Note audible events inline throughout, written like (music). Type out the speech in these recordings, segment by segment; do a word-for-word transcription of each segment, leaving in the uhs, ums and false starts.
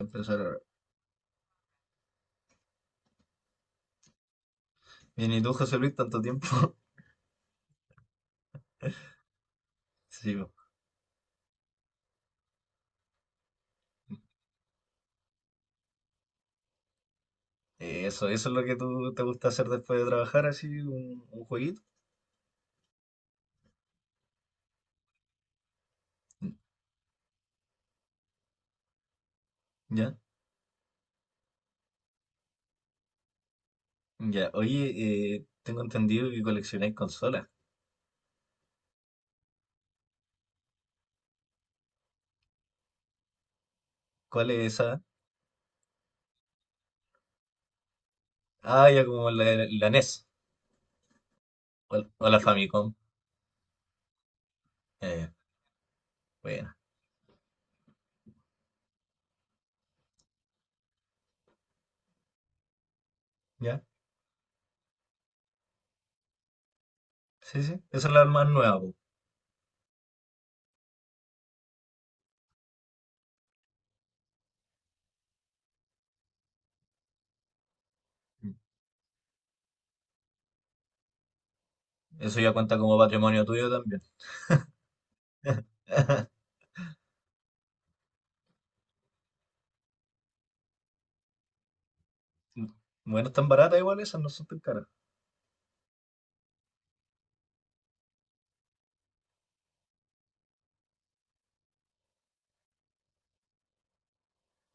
Empezar. Ahora. Bien, ¿y tú, José Luis, tanto tiempo? (laughs) Sí, po. Eh, Eso, eso es lo que tú te gusta hacer después de trabajar, así, un, un jueguito. Ya, ya. Oye, eh, tengo entendido que coleccionáis consolas. ¿Cuál es esa? Ah, ya como la, la NES o, la o la Famicom. Eh, bueno, ya. Sí, sí. Esa es la más nueva, po. Eso ya cuenta como patrimonio tuyo también. (laughs) Bueno, están baratas igual esas, no son tan caras.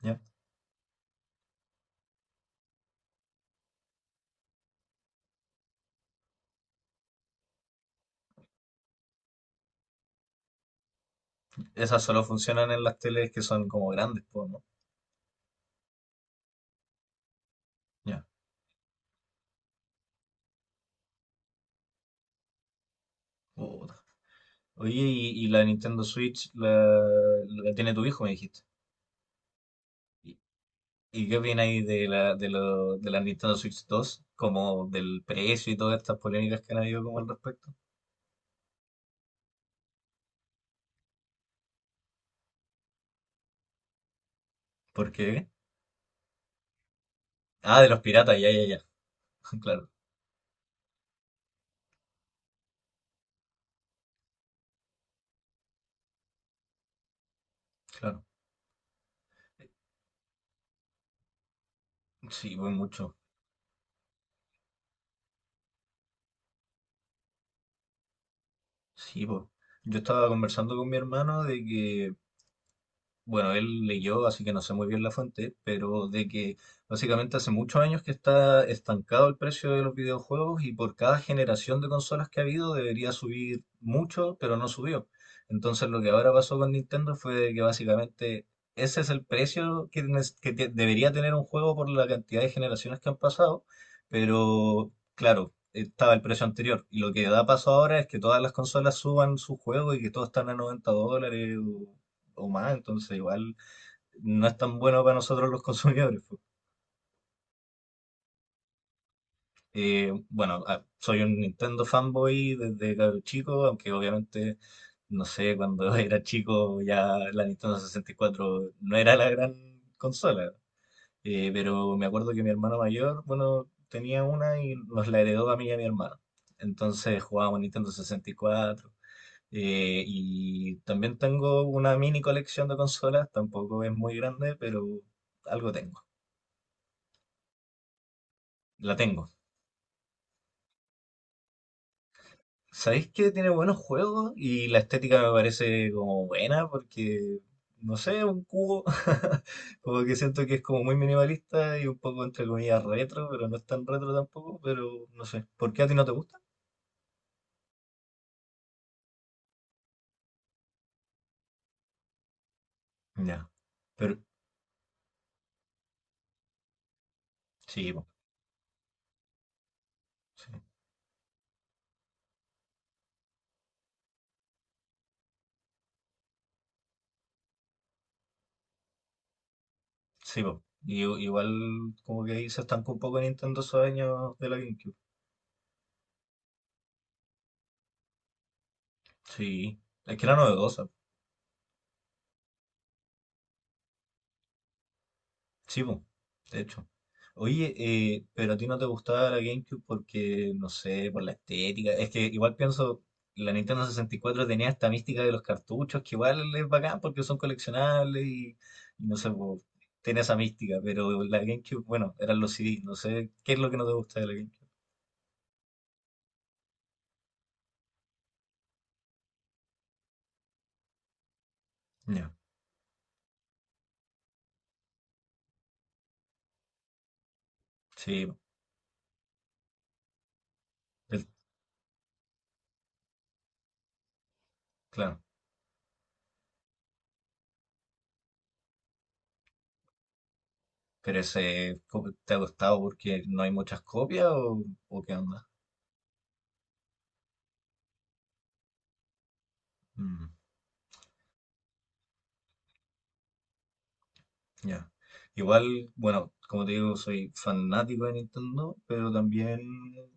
Ya. Esas solo funcionan en las teles que son como grandes, po, ¿no? Ya. Oye, y, y la Nintendo Switch la, la tiene tu hijo, me dijiste. ¿Y, y qué opináis de la, de, lo- de la Nintendo Switch dos? Como del precio y todas estas polémicas que han habido como al respecto. ¿Por qué? Ah, de los piratas, ya, ya, ya. (laughs) Claro, claro. Sí, pues mucho. Sí, pues. Yo estaba conversando con mi hermano de que bueno, él leyó, así que no sé muy bien la fuente, pero de que básicamente hace muchos años que está estancado el precio de los videojuegos y por cada generación de consolas que ha habido debería subir mucho, pero no subió. Entonces lo que ahora pasó con Nintendo fue de que básicamente ese es el precio que, nes- que te- debería tener un juego por la cantidad de generaciones que han pasado, pero claro. Estaba el precio anterior. Y lo que da paso ahora es que todas las consolas suban su juego y que todo están a noventa dólares o más, entonces igual no es tan bueno para nosotros los consumidores, pues. Eh, bueno, ah, soy un Nintendo fanboy desde cabro chico, aunque obviamente, no sé, cuando (laughs) era chico ya la Nintendo sesenta y cuatro no era la gran consola. Eh, pero me acuerdo que mi hermano mayor, bueno, tenía una y nos la heredó a mí y a mi hermano. Entonces jugábamos Nintendo sesenta y cuatro. Eh, y también tengo una mini colección de consolas, tampoco es muy grande, pero algo tengo. La tengo. ¿Sabéis que tiene buenos juegos? Y la estética me parece como buena porque, no sé, un cubo. (laughs) Como que siento que es como muy minimalista y un poco entre comillas retro, pero no es tan retro tampoco, pero no sé. ¿Por qué a ti no te gusta? Ya. Pero sí, po, sí, sí, po. Y- igual como que ahí se estancó un poco Nintendo esos años de la GameCube. Sí. Es que era novedosa. Sí, po, de hecho. Oye, eh, pero a ti no te gustaba la GameCube porque, no sé, por la estética. Es que igual pienso, la Nintendo sesenta y cuatro tenía esta mística de los cartuchos, que igual es bacán porque son coleccionables y, y no sé, po, tiene esa mística. Pero la GameCube, bueno, eran los C Ds. No sé, ¿qué es lo que no te gusta de la GameCube? Ya, sí, el- claro. Pero ese, ¿cómo ¿te ha gustado porque no hay muchas copias o, o qué onda? Ya. Igual, bueno, como te digo, soy fanático de Nintendo, pero también,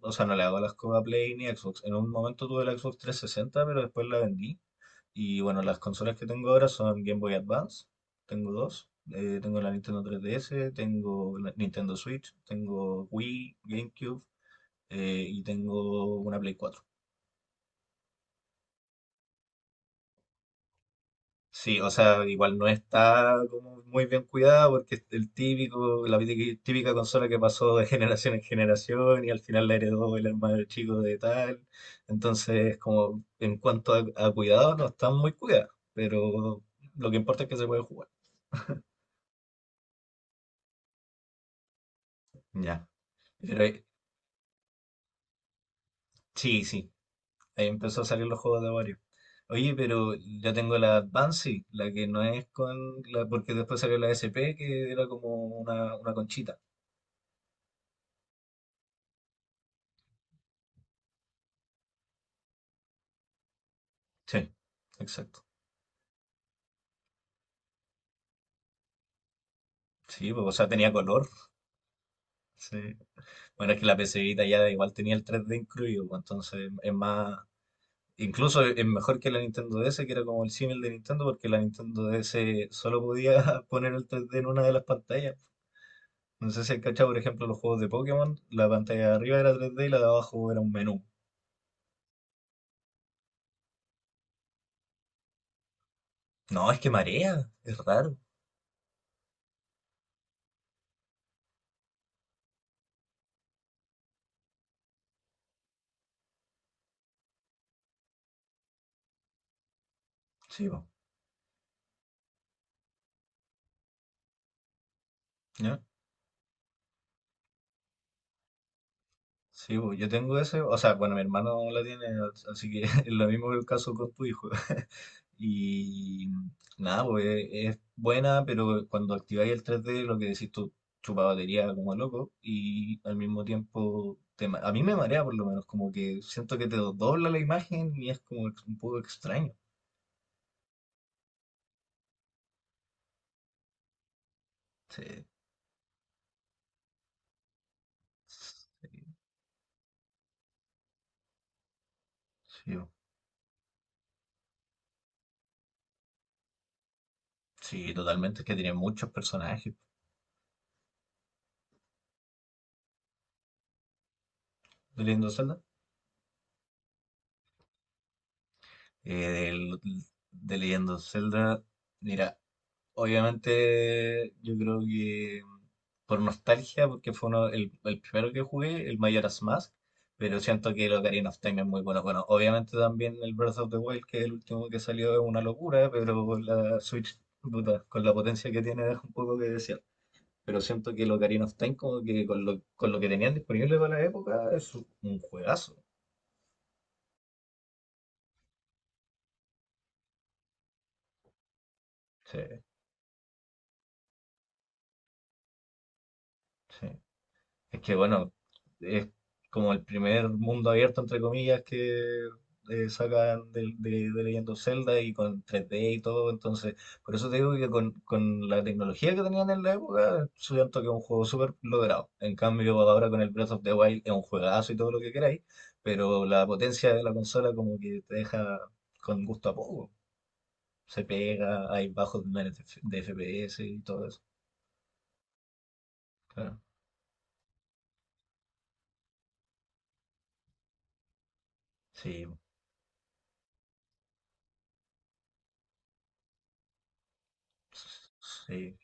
o sea, no le hago las cosas a Play ni Xbox. En un momento tuve la Xbox trescientos sesenta pero después la vendí. Y bueno, las consolas que tengo ahora son Game Boy Advance, tengo dos. Eh, tengo la Nintendo tres D S, tengo la Nintendo Switch, tengo Wii, GameCube, eh, y tengo una Play cuatro. Sí, o sea, igual no está como muy bien cuidada porque es el típico, la típica típica consola que pasó de generación en generación y al final la heredó el hermano chico de tal. Entonces, como en cuanto a, a cuidado, no están muy cuidadas, pero lo que importa es que se puede jugar. Ya. Pero eh, sí, sí, ahí empezó a salir los juegos de Wario. Oye, pero yo tengo la Advance, sí, la que no es con la, porque después salió la S P, que era como una, una conchita. Sí, exacto. Sí, pues, o sea, tenía color. Sí. Bueno, es que la pcita ya igual tenía el tres D incluido, pues, entonces es más. Incluso es mejor que la Nintendo D S, que era como el símil de Nintendo, porque la Nintendo D S solo podía (laughs) poner el tres D en una de las pantallas. No sé si has cachado, por ejemplo, los juegos de Pokémon, la pantalla de arriba era tres D y la de abajo era un menú. No, es que marea, es raro. Sí, pues, ¿ya? Sí, pues, yo tengo ese, o sea, bueno, mi hermano la tiene, así que (laughs) es lo mismo que el caso con tu hijo. Y nada, pues e, es buena, pero cuando activáis el tres D, lo que decís tú, chupa batería como loco. Y al mismo tiempo, te ma- a mí me marea por lo menos, como que siento que te do- dobla la imagen y es como ex- un poco extraño. Sí, sí, sí, bo. Sí, totalmente, es que tiene muchos personajes de Legend of Zelda. Eh, del- de, Legend of Zelda, mira, obviamente, yo creo que por nostalgia, porque fue uno, el, el primero que jugué, el Majora's Mask, pero siento que el Ocarina of Time es muy bueno. Bueno, obviamente también el Breath of the Wild, que es el último que salió, es una locura, pero con la Switch, puta, con la potencia que tiene, deja un poco que desear. Pero siento que el Ocarina of Time, como que con lo, con lo que tenían disponible para la época, es un juegazo. Sí, sí. Es que bueno, es como el primer mundo abierto, entre comillas, que eh, sacan de, de, de Legend of Zelda y con tres D y todo. Entonces, por eso te digo que con, con la tecnología que tenían en la época, siento que es un juego súper logrado. En cambio, ahora con el Breath of the Wild es un juegazo y todo lo que queráis, pero la potencia de la consola como que te deja con gusto a poco. Se pega, hay bajos niveles de F- de F P S y todo eso. Claro. Sí, sí.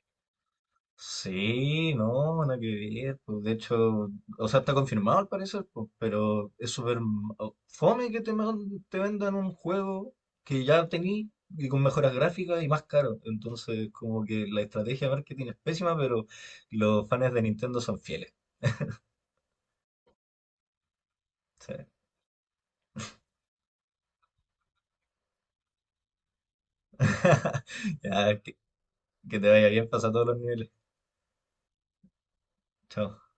Sí, no, nada que ver, pues, de hecho, o sea, está confirmado al parecer, pues, pero es súper m- o- fome que te, man- te vendan un juego que ya tení y con mejoras gráficas y más caro. Entonces, como que la estrategia de marketing es pésima, pero los fans de Nintendo son fieles. Sí. (laughs) Ya, que, que te vaya bien, pasa todos los niveles. Chao.